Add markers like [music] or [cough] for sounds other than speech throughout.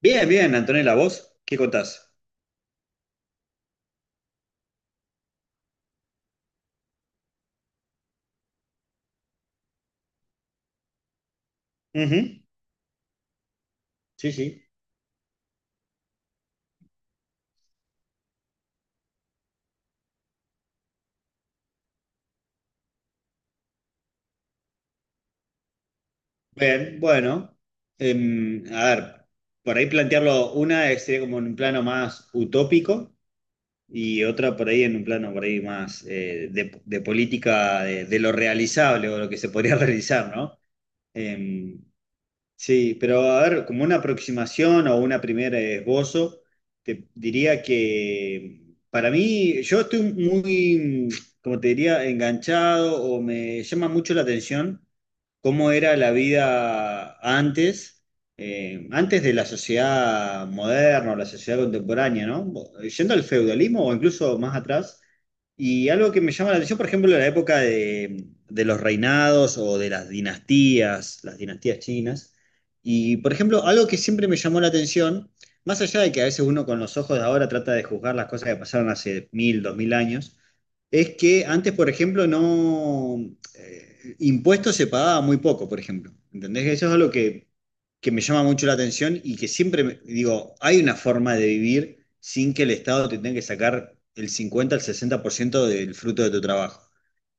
Bien, bien, Antonella, ¿vos qué contás? Ujú. Sí, sí. Bien, bueno. A ver, por ahí plantearlo, una es, sería como en un plano más utópico y otra por ahí en un plano por ahí más de política de lo realizable o lo que se podría [laughs] realizar, ¿no? Em, Sí, pero a ver, como una aproximación o una primera esbozo, te diría que para mí, yo estoy muy, como te diría, enganchado o me llama mucho la atención cómo era la vida antes, antes de la sociedad moderna o la sociedad contemporánea, ¿no? Yendo al feudalismo o incluso más atrás. Y algo que me llama la atención, por ejemplo, la época de los reinados o de las dinastías chinas. Y, por ejemplo, algo que siempre me llamó la atención, más allá de que a veces uno con los ojos de ahora trata de juzgar las cosas que pasaron hace 1.000, 2.000 años, es que antes, por ejemplo, no impuestos se pagaba muy poco, por ejemplo. ¿Entendés? Eso es algo que me llama mucho la atención y que siempre me- digo, hay una forma de vivir sin que el Estado te tenga que sacar el 50 al 60% del fruto de tu trabajo.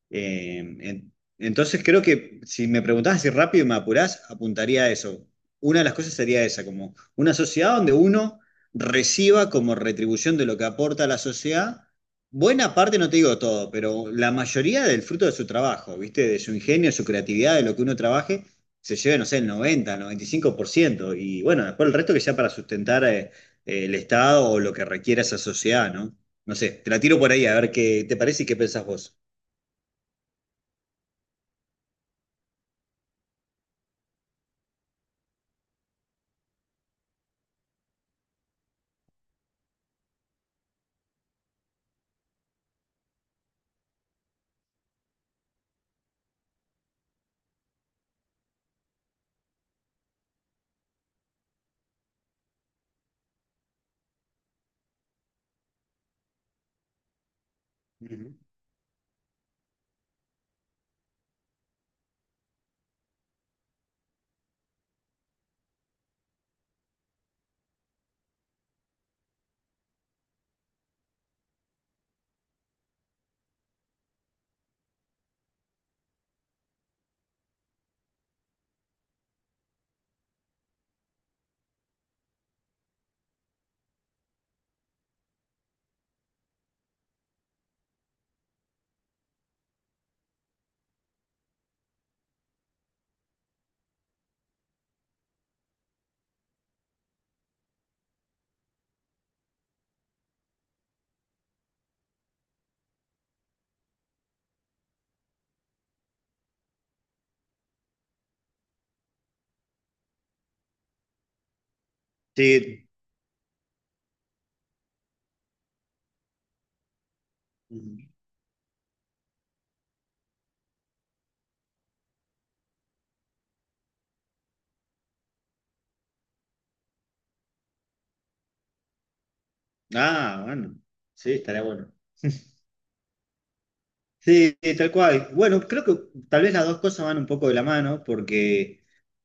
Eh, en- entonces creo que si me preguntás así rápido y me apurás, apuntaría a eso. Una de las cosas sería esa, como una sociedad donde uno reciba como retribución de lo que aporta a la sociedad, buena parte, no te digo todo, pero la mayoría del fruto de su trabajo, ¿viste? De su ingenio, su creatividad, de lo que uno trabaje, se lleve, no sé, el 90, el 95%, y 5%. Y bueno, después el resto que sea para sustentar el Estado o lo que requiera esa sociedad, ¿no? No sé, te la tiro por ahí a ver qué te parece y qué pensás vos. Ujú. Sí. Ujú. Ah, bueno. Sí, estaría bueno. Sí, sí, tal cual. Bueno, creo que tal vez las dos cosas van un poco de la mano porque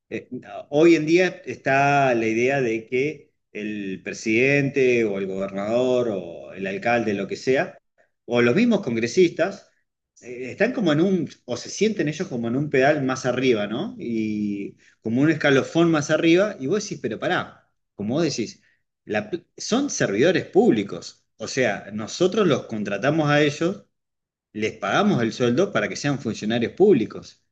eh, hoy en día está la idea de que el presidente o el gobernador o el alcalde, lo que sea, o los mismos congresistas, están como en un, o se sienten ellos como en un pedal más arriba, ¿no? Y como un escalofón más arriba, y vos decís, pero pará, como vos decís, la pl- son servidores públicos, o sea, nosotros los contratamos a ellos, les pagamos el sueldo para que sean funcionarios públicos.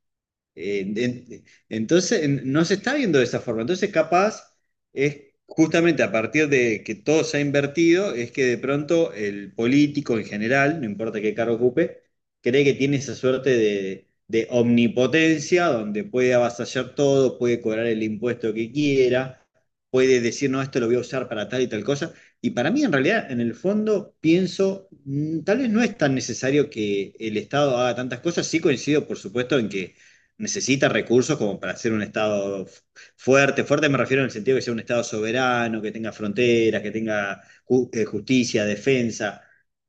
Eh, en- entonces, no se está viendo de esa forma. Entonces, capaz es justamente a partir de que todo se ha invertido, es que de pronto el político en general, no importa qué cargo ocupe, cree que tiene esa suerte de omnipotencia, donde puede avasallar todo, puede cobrar el impuesto que quiera, puede decir, no, esto lo voy a usar para tal y tal cosa. Y para mí, en realidad, en el fondo, pienso, tal vez no es tan necesario que el Estado haga tantas cosas. Sí coincido, por supuesto, en que necesita recursos como para ser un Estado fuerte. Fuerte me refiero en el sentido que sea un Estado soberano, que tenga fronteras, que tenga justicia, defensa,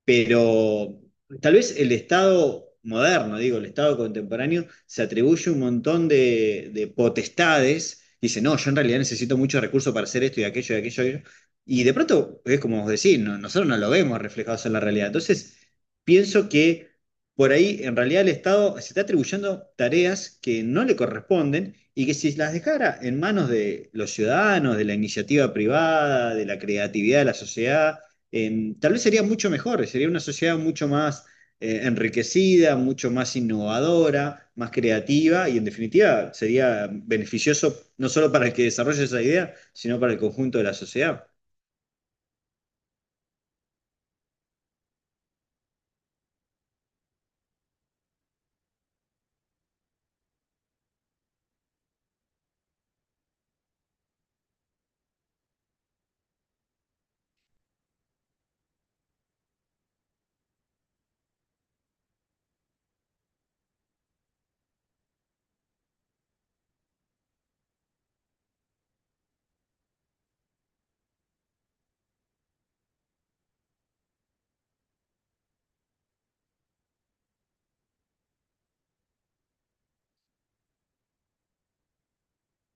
pero tal vez el Estado moderno, digo, el Estado contemporáneo, se atribuye un montón de potestades. Dice, no, yo en realidad necesito muchos recursos para hacer esto y aquello y aquello y aquello. Y de pronto, es como vos decís, nosotros no lo vemos reflejados en la realidad. Entonces, pienso que por ahí en realidad el Estado se está atribuyendo tareas que no le corresponden y que si las dejara en manos de los ciudadanos, de la iniciativa privada, de la creatividad de la sociedad, tal vez sería mucho mejor, sería una sociedad mucho más enriquecida, mucho más innovadora, más creativa y en definitiva sería beneficioso no solo para el que desarrolle esa idea, sino para el conjunto de la sociedad.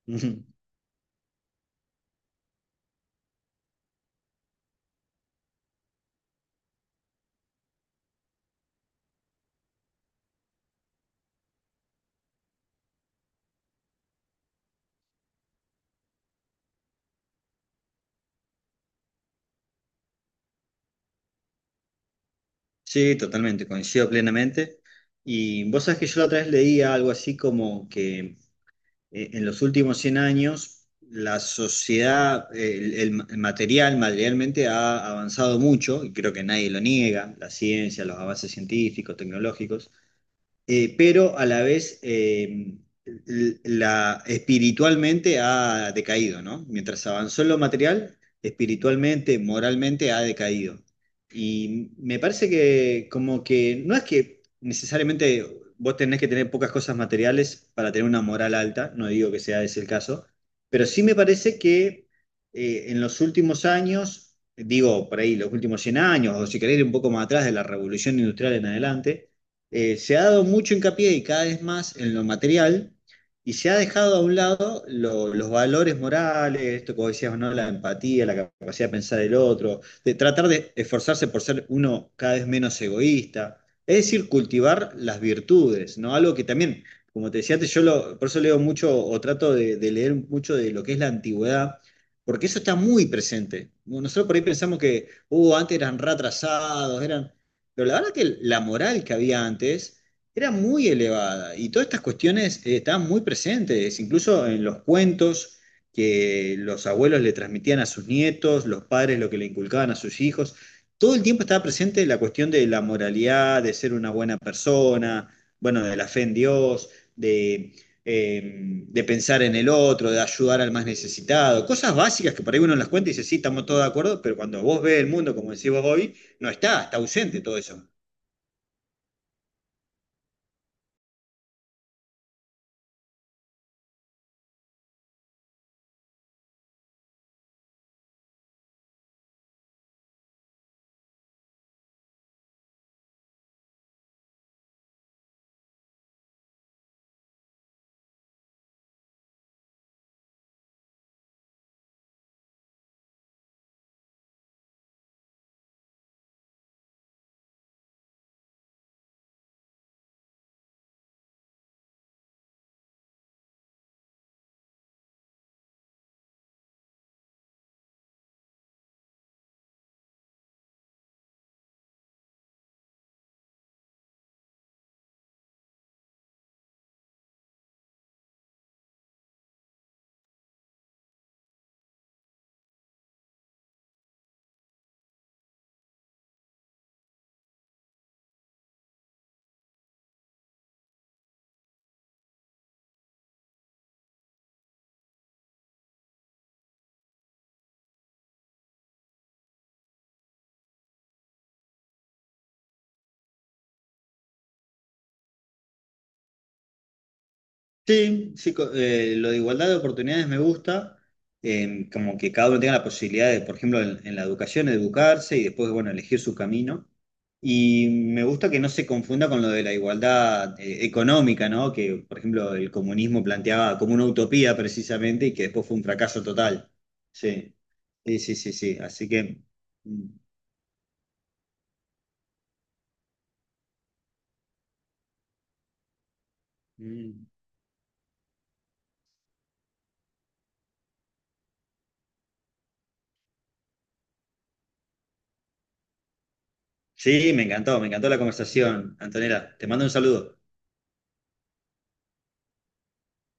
[laughs] Sí, totalmente, coincido plenamente. Y vos sabés que yo la otra vez leía algo así como que en los últimos 100 años la sociedad, el el material, materialmente ha avanzado mucho, y creo que nadie lo niega, la ciencia, los avances científicos, tecnológicos, pero a la vez la, espiritualmente ha decaído, ¿no? Mientras avanzó en lo material, espiritualmente, moralmente ha decaído. Y me parece que como que no es que necesariamente vos tenés que tener pocas cosas materiales para tener una moral alta, no digo que sea ese el caso, pero sí me parece que en los últimos años, digo por ahí los últimos 100 años, o si querés ir un poco más atrás de la revolución industrial en adelante, se ha dado mucho hincapié y cada vez más en lo material y se ha dejado a un lado los valores morales, esto como decías, ¿no? La empatía, la capacidad de pensar el otro, de tratar de esforzarse por ser uno cada vez menos egoísta, es decir, cultivar las virtudes, ¿no? Algo que también, como te decía antes, yo lo, por eso leo mucho o trato de leer mucho de lo que es la antigüedad. Porque eso está muy presente. Nosotros por ahí pensamos que, antes eran re atrasados, eran, pero la verdad que la moral que había antes era muy elevada y todas estas cuestiones estaban muy presentes, incluso en los cuentos que los abuelos le transmitían a sus nietos, los padres lo que le inculcaban a sus hijos. Todo el tiempo estaba presente la cuestión de la moralidad, de ser una buena persona, bueno, de la fe en Dios, de, eh, de pensar en el otro, de ayudar al más necesitado, cosas básicas que por ahí uno las cuenta y dice, sí, estamos todos de acuerdo, pero cuando vos ves el mundo, como decís vos hoy, no está, está ausente todo eso. Sí, sí, lo de igualdad de oportunidades me gusta, como que cada uno tenga la posibilidad de, por ejemplo, en la educación, educarse y después, bueno, elegir su camino. Y me gusta que no se confunda con lo de la igualdad, económica, ¿no? Que, por ejemplo, el comunismo planteaba como una utopía precisamente y que después fue un fracaso total. Sí, sí, sí, sí, sí. Así que, mm, mm. Sí, me encantó la conversación. Antonella, te mando un saludo.